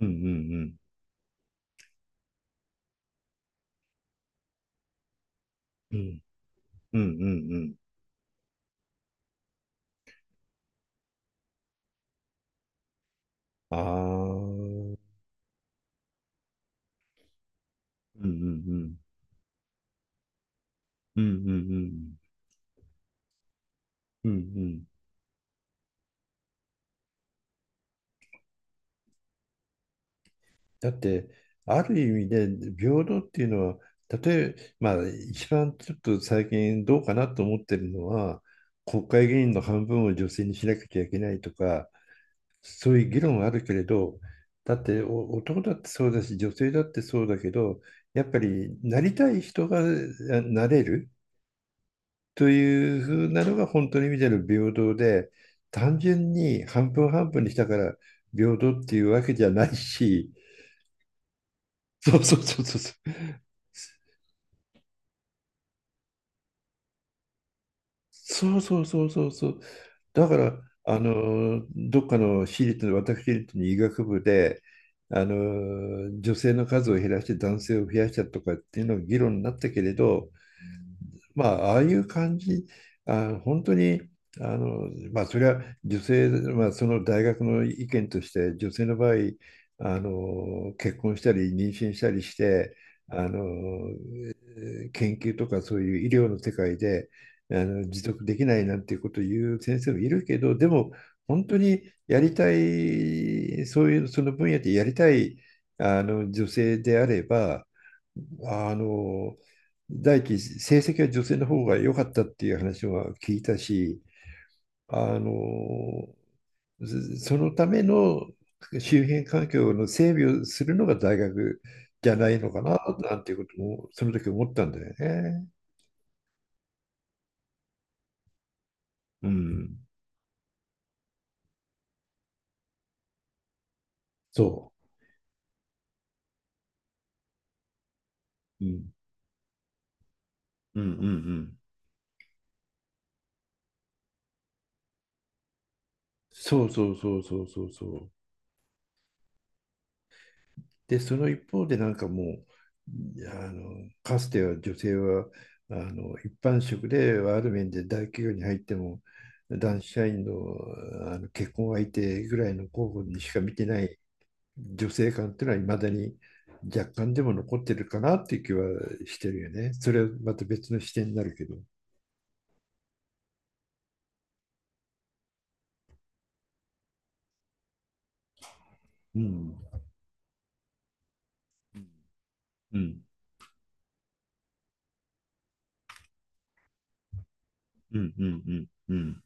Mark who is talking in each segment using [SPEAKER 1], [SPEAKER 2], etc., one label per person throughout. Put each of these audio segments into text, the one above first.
[SPEAKER 1] うんうんうん。うんうんうんうん。ああ。うんうんうん。うんうんうん。うんうん。だって、ある意味で平等っていうのは、例えば、まあ、一番ちょっと最近どうかなと思ってるのは、国会議員の半分を女性にしなきゃいけないとか、そういう議論はあるけれど、だって男だってそうだし、女性だってそうだけど、やっぱりなりたい人がなれる。というふうなのが本当に意味での平等で、単純に半分半分にしたから平等っていうわけじゃないし、そうそうそうそうそう。そうそうそうそうそう。だから、どっかの私立の医学部で、女性の数を減らして男性を増やしたとかっていうのが議論になったけれど、まあ、ああいう感じ、本当に、まあ、それは女性、まあ、その大学の意見として、女性の場合、結婚したり、妊娠したりして、あの、えー研究とかそういう医療の世界で、持続できないなんていうことを言う先生もいるけど、でも、本当にやりたい、そういう、その分野でやりたい、女性であれば、あの、第一、成績は女性の方が良かったっていう話は聞いたし、あの、そのための周辺環境の整備をするのが大学じゃないのかな、なんていうことも、その時思ったんだよね。うん。そう。うん。うんうんうん。そうそうそうそうそうそう。で、その一方でなんかもう、かつては女性は、一般職である面で大企業に入っても、男子社員の、結婚相手ぐらいの候補にしか見てない女性感っていうのは、いまだに若干でも残ってるかなっていう気はしてるよね。それはまた別の視点になるけど。うん。うん。うん。うん。うん。うん。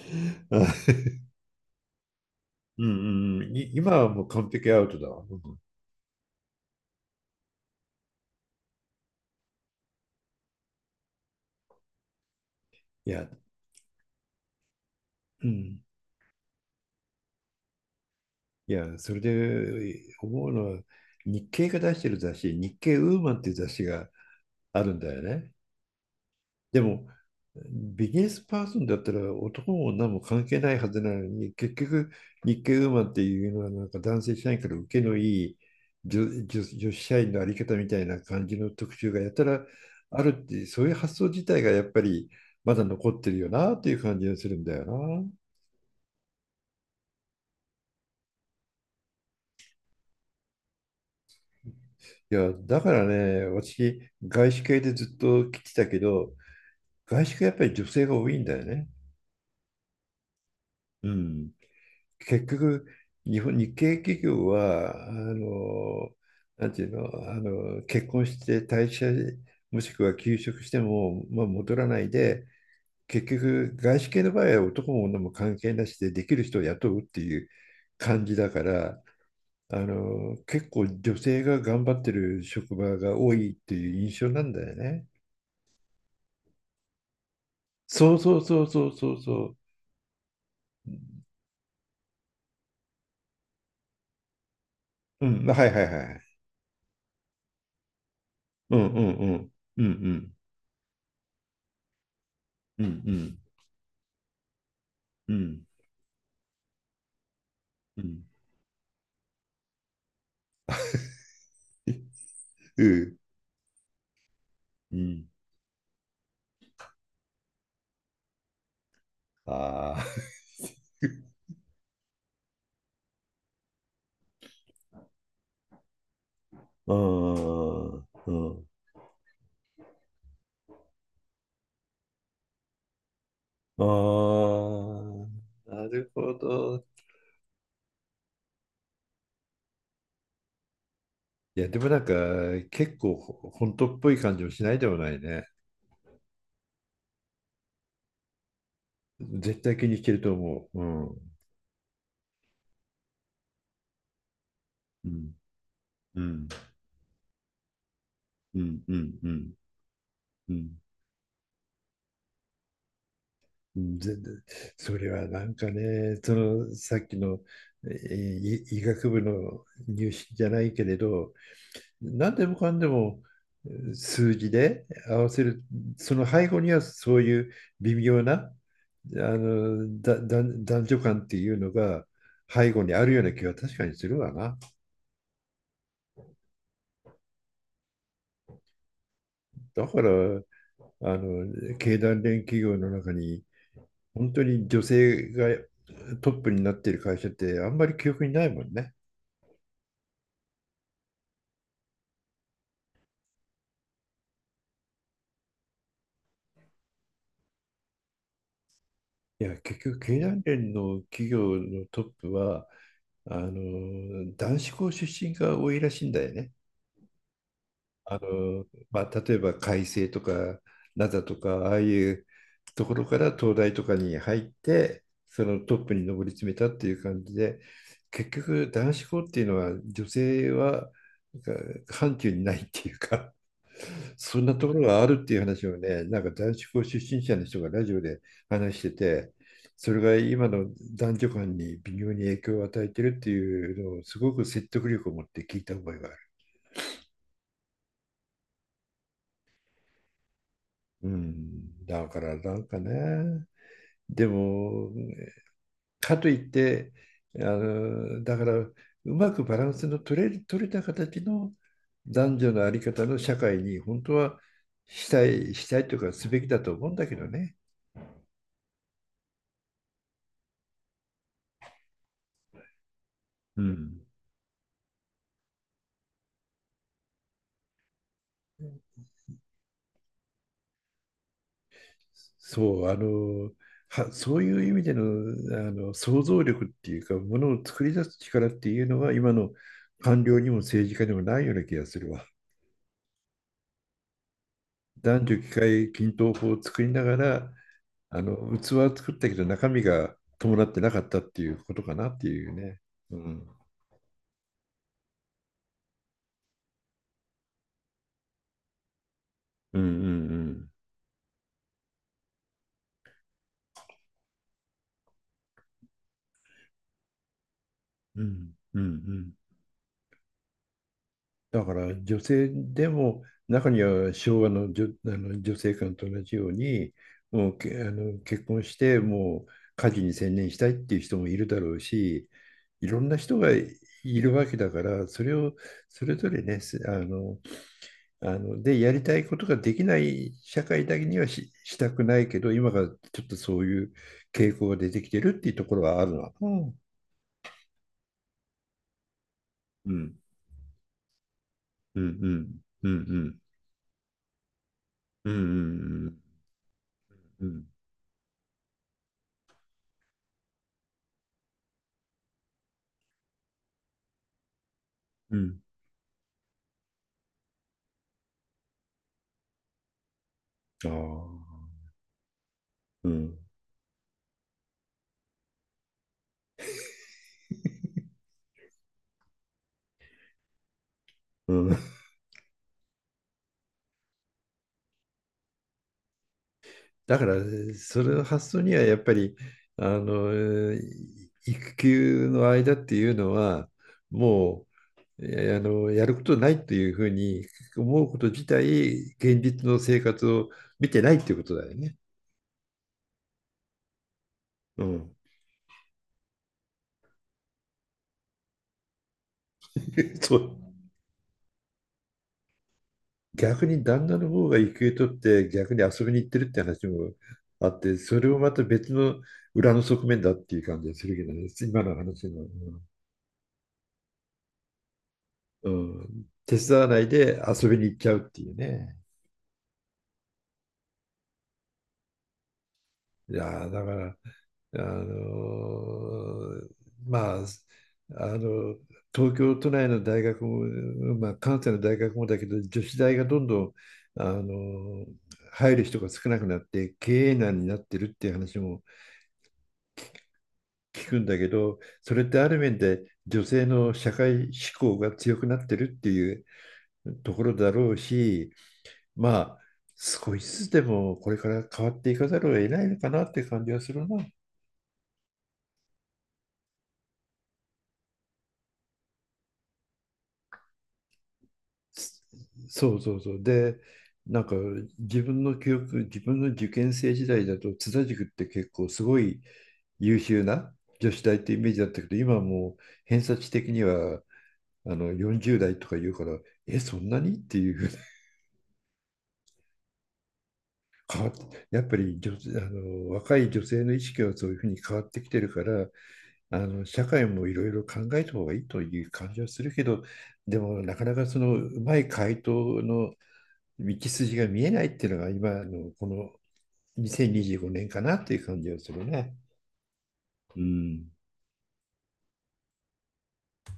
[SPEAKER 1] あ。うんうんうん。今はもう完璧アウトだわ。うん。いや、うん。いや、それで思うのは、日経が出してる雑誌、日経ウーマンっていう雑誌があるんだよね。でも、ビジネスパーソンだったら男も女も関係ないはずなのに、結局、日経ウーマンっていうのは、なんか男性社員から受けのいい女子社員のあり方みたいな感じの特集がやたらあるって、そういう発想自体がやっぱりまだ残ってるよなっていう感じがするんだよな。いや、だからね、私、外資系でずっと来てたけど、外資系やっぱり女性が多いんだよね。うん。結局、日系企業は、なんていうの、結婚して退社、もしくは休職しても、まあ、戻らないで、結局、外資系の場合は男も女も関係なしでできる人を雇うっていう感じだから、結構女性が頑張ってる職場が多いっていう印象なんだよね。そうそうそうそうそうそう。うん、はいはいはい。うんうんうん。うんうん。うんうん。うん。うん。うんうん。ああ。うん。うん。ああ。なるほど。いや、でもなんか、結構本当っぽい感じもしないでもないね。絶対気にいけると思う。うん。うん。うん。うん。うん。うん。うんうん。全然それはなんかね、そのさっきの、えーい医学部の入試じゃないけれど、何でもかんでも数字で合わせる、その背後にはそういう微妙なあのだだ男女間っていうのが背後にあるような気は確かにするわな。だから経団連企業の中に本当に女性がトップになっている会社ってあんまり記憶にないもんね。いや、結局経団連の企業のトップは男子校出身が多いらしいんだよね。まあ、例えば開成とか灘とかああいうところから東大とかに入って、そのトップに上り詰めたっていう感じで、結局男子校っていうのは女性はなんか範疇にないっていうか、 そんなところがあるっていう話をね、なんか男子校出身者の人がラジオで話してて、それが今の男女間に微妙に影響を与えてるっていうのをすごく説得力を持って聞いた覚えがある。うん、だからなんかね、でも、かといって、だから、うまくバランスの取れた形の男女のあり方の社会に本当はしたい、したいとかすべきだと思うんだけどね。うん。そう、そういう意味での、想像力っていうか、ものを作り出す力っていうのは、今の官僚にも政治家にもないような気がするわ。男女機会均等法を作りながら、器は作ったけど中身が伴ってなかったっていうことかなっていうね。うん。うんうんうん。うんうんうん。だから女性でも中には昭和の女、あの女性間と同じように、もうけ、あの結婚してもう家事に専念したいっていう人もいるだろうし、いろんな人がいるわけだから、それをそれぞれね、すあのあの、で、やりたいことができない社会だけにはしたくないけど、今がちょっとそういう傾向が出てきてるっていうところはあるの。んうん。うん、うん、うん、うん、うん、うん、うん、うん。ああ、うん、うん。だから、それの発想にはやっぱり、育休の間っていうのは、もう、やることないというふうに思うこと自体、現実の生活を見てないっていうことだよね。うん。そう。逆に旦那の方が育休取って逆に遊びに行ってるって話もあって、それをまた別の裏の側面だっていう感じがするけどね、今の話の。うん。うん、手伝わないで遊びに行っちゃうっていうね。いやー、だからあのーまあ、あの東京都内の大学も、まあ、関西の大学もだけど、女子大がどんどんあのー入る人が少なくなって経営難になってるっていう話も聞くんだけど、それってある面で女性の社会志向が強くなってるっていうところだろうし、まあ少しずつでもこれから変わっていかざるを得ないのかなって感じはするな。そうそうそう。で、なんか自分の受験生時代だと津田塾って結構すごい優秀な女子大ってイメージだったけど、今はもう偏差値的には40代とか言うから、え、そんなにっていうふうに変わって、やっぱり女、あの若い女性の意識はそういうふうに変わってきてるから、社会もいろいろ考えた方がいいという感じはするけど、でもなかなかそのうまい回答の道筋が見えないっていうのが今のこの2025年かなっていう感じがするね。うん。